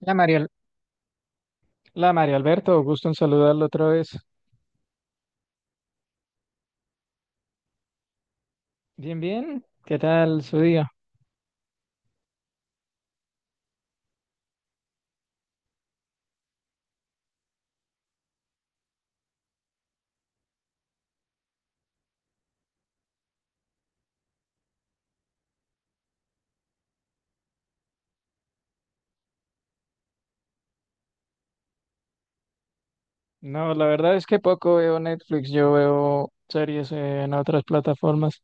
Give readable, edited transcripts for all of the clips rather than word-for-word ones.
La María, la María Alberto, gusto en saludarlo otra vez. Bien, bien, ¿qué tal su día? No, la verdad es que poco veo Netflix, yo veo series en otras plataformas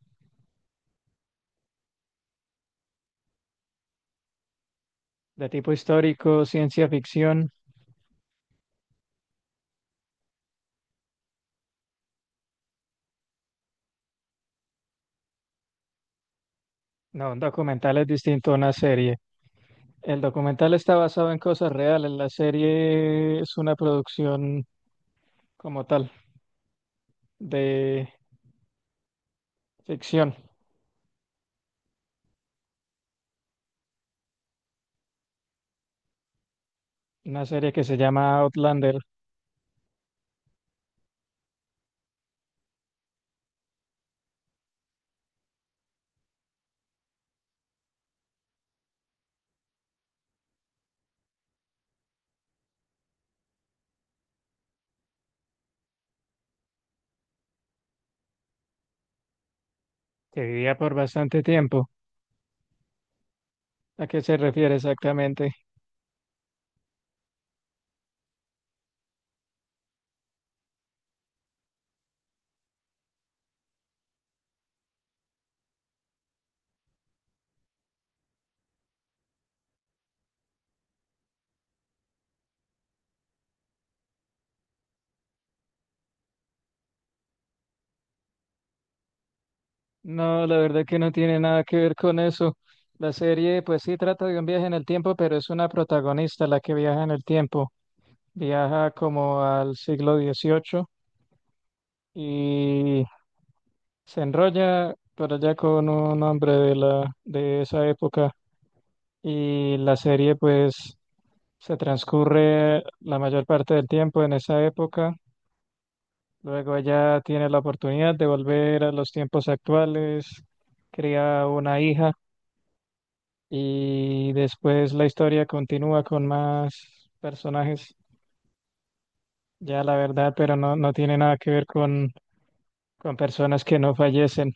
de tipo histórico, ciencia ficción. No, un documental es distinto a una serie. El documental está basado en cosas reales, la serie es una producción como tal de ficción, una serie que se llama Outlander, que vivía por bastante tiempo. ¿A qué se refiere exactamente? No, la verdad que no tiene nada que ver con eso. La serie, pues sí, trata de un viaje en el tiempo, pero es una protagonista la que viaja en el tiempo. Viaja como al siglo XVIII y se enrolla por allá con un hombre de esa época. Y la serie, pues, se transcurre la mayor parte del tiempo en esa época. Luego ella tiene la oportunidad de volver a los tiempos actuales, cría una hija. Y después la historia continúa con más personajes, ya la verdad, pero no tiene nada que ver con personas que no fallecen.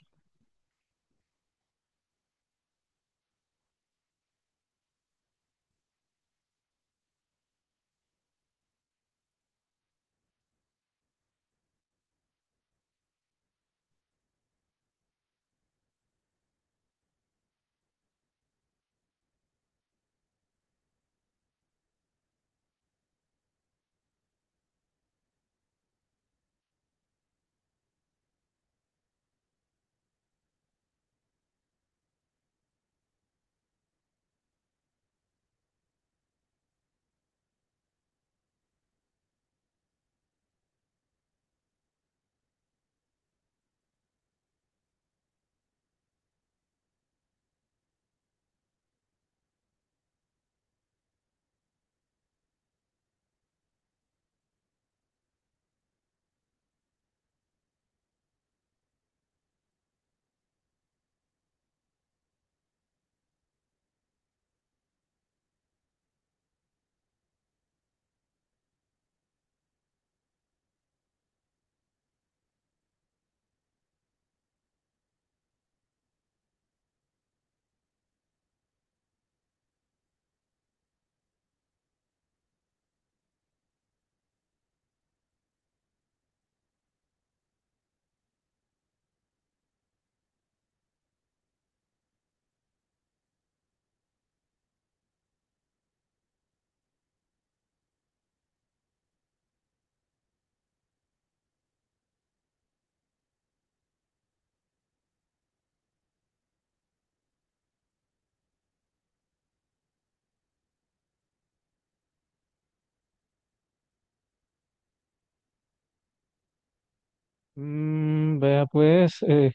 Mm, vea pues,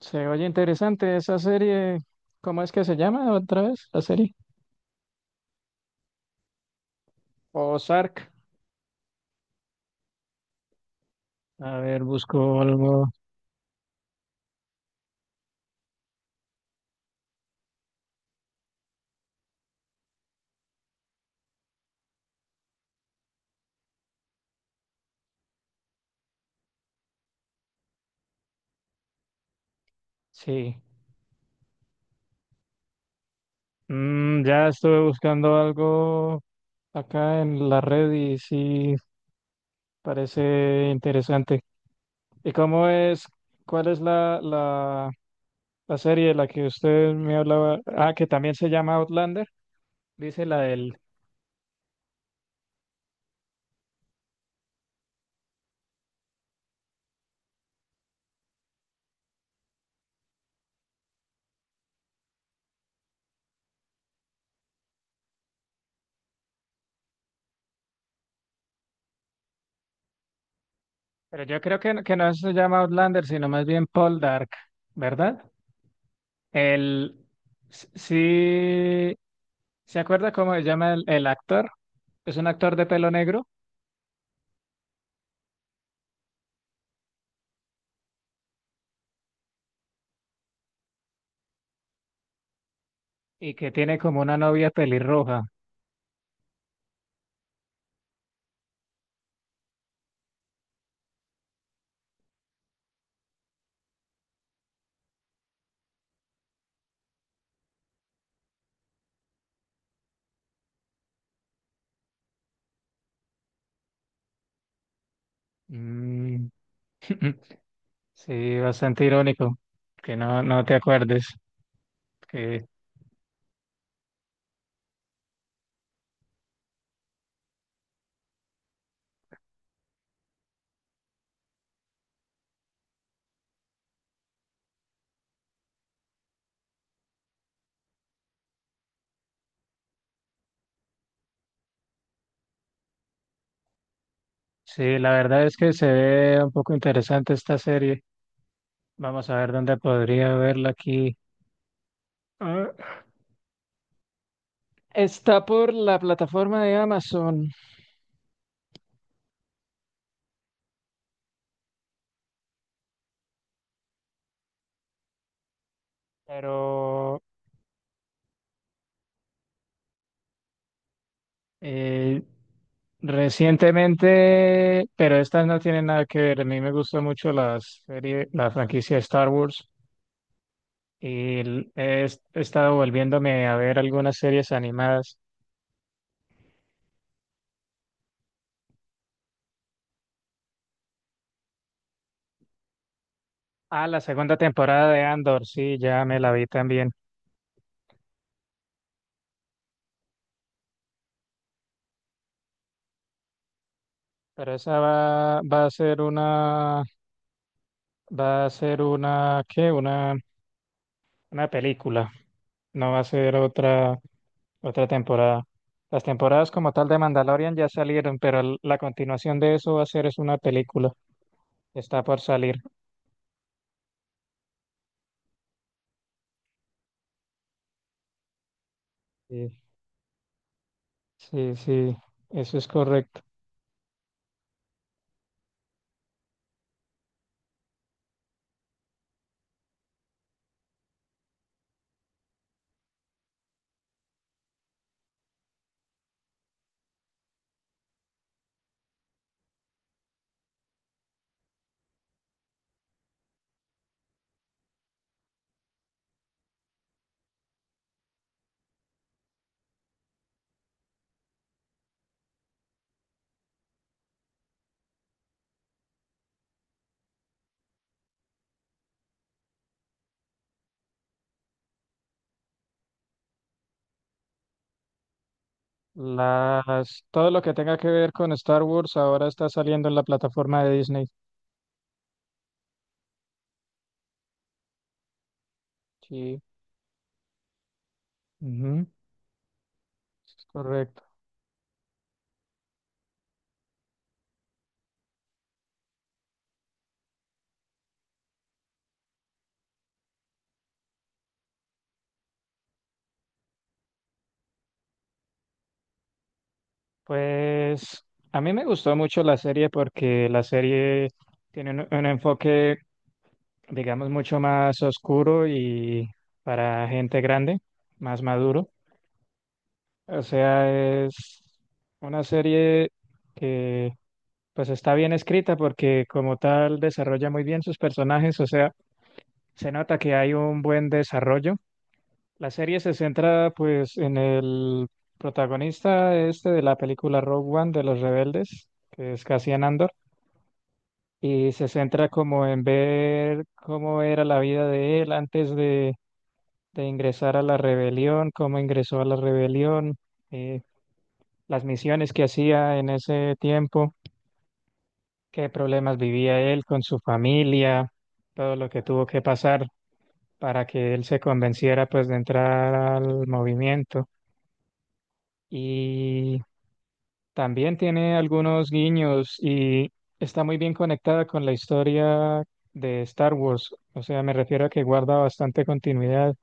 se oye interesante esa serie. ¿Cómo es que se llama otra vez la serie? Ozark. A ver, busco algo. Sí. Mm, ya estuve buscando algo acá en la red y sí, parece interesante. ¿Y cómo es? ¿Cuál es la serie de la que usted me hablaba, ah, que también se llama Outlander, dice la del, pero yo creo que, que no se llama Outlander, sino más bien Paul Dark, ¿verdad? El, sí, ¿se acuerda cómo se llama el actor? Es un actor de pelo negro y que tiene como una novia pelirroja. Mm, sí, bastante irónico, que no te acuerdes, que sí, la verdad es que se ve un poco interesante esta serie. Vamos a ver dónde podría verla aquí. Ah, está por la plataforma de Amazon, pero eh, recientemente, pero estas no tienen nada que ver. A mí me gusta mucho la serie, la franquicia de Star Wars y he estado volviéndome a ver algunas series animadas. Ah, la segunda temporada de Andor, sí, ya me la vi también. Pero esa va a ser una, va a ser una, ¿qué? Una película. No va a ser otra. Otra temporada. Las temporadas como tal de Mandalorian ya salieron, pero la continuación de eso va a ser es una película. Está por salir. Sí, sí, sí, eso es correcto. Las, todo lo que tenga que ver con Star Wars ahora está saliendo en la plataforma de Disney. Sí, ujú, es correcto. Pues a mí me gustó mucho la serie porque la serie tiene un enfoque, digamos, mucho más oscuro y para gente grande, más maduro. O sea, es una serie que pues está bien escrita porque como tal desarrolla muy bien sus personajes, o sea, se nota que hay un buen desarrollo. La serie se centra pues en el protagonista este de la película Rogue One de los rebeldes, que es Cassian Andor, y se centra como en ver cómo era la vida de él antes de ingresar a la rebelión, cómo ingresó a la rebelión. eh, las misiones que hacía en ese tiempo, qué problemas vivía él con su familia, todo lo que tuvo que pasar para que él se convenciera pues de entrar al movimiento. Y también tiene algunos guiños y está muy bien conectada con la historia de Star Wars. O sea, me refiero a que guarda bastante continuidad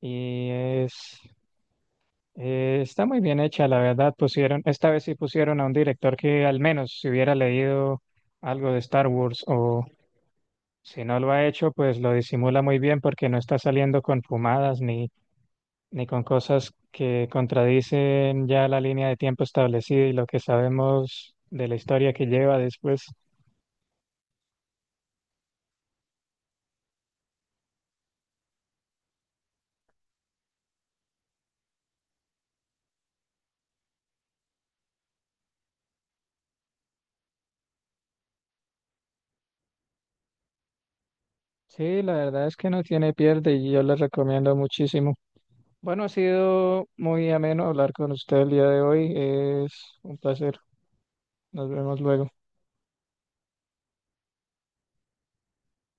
y es. Está muy bien hecha, la verdad. Pusieron, esta vez sí pusieron a un director que al menos si hubiera leído algo de Star Wars o si no lo ha hecho, pues lo disimula muy bien porque no está saliendo con fumadas ni con cosas que contradicen ya la línea de tiempo establecida y lo que sabemos de la historia que lleva después. Sí, la verdad es que no tiene pierde y yo les recomiendo muchísimo. Bueno, ha sido muy ameno hablar con usted el día de hoy. Es un placer. Nos vemos luego.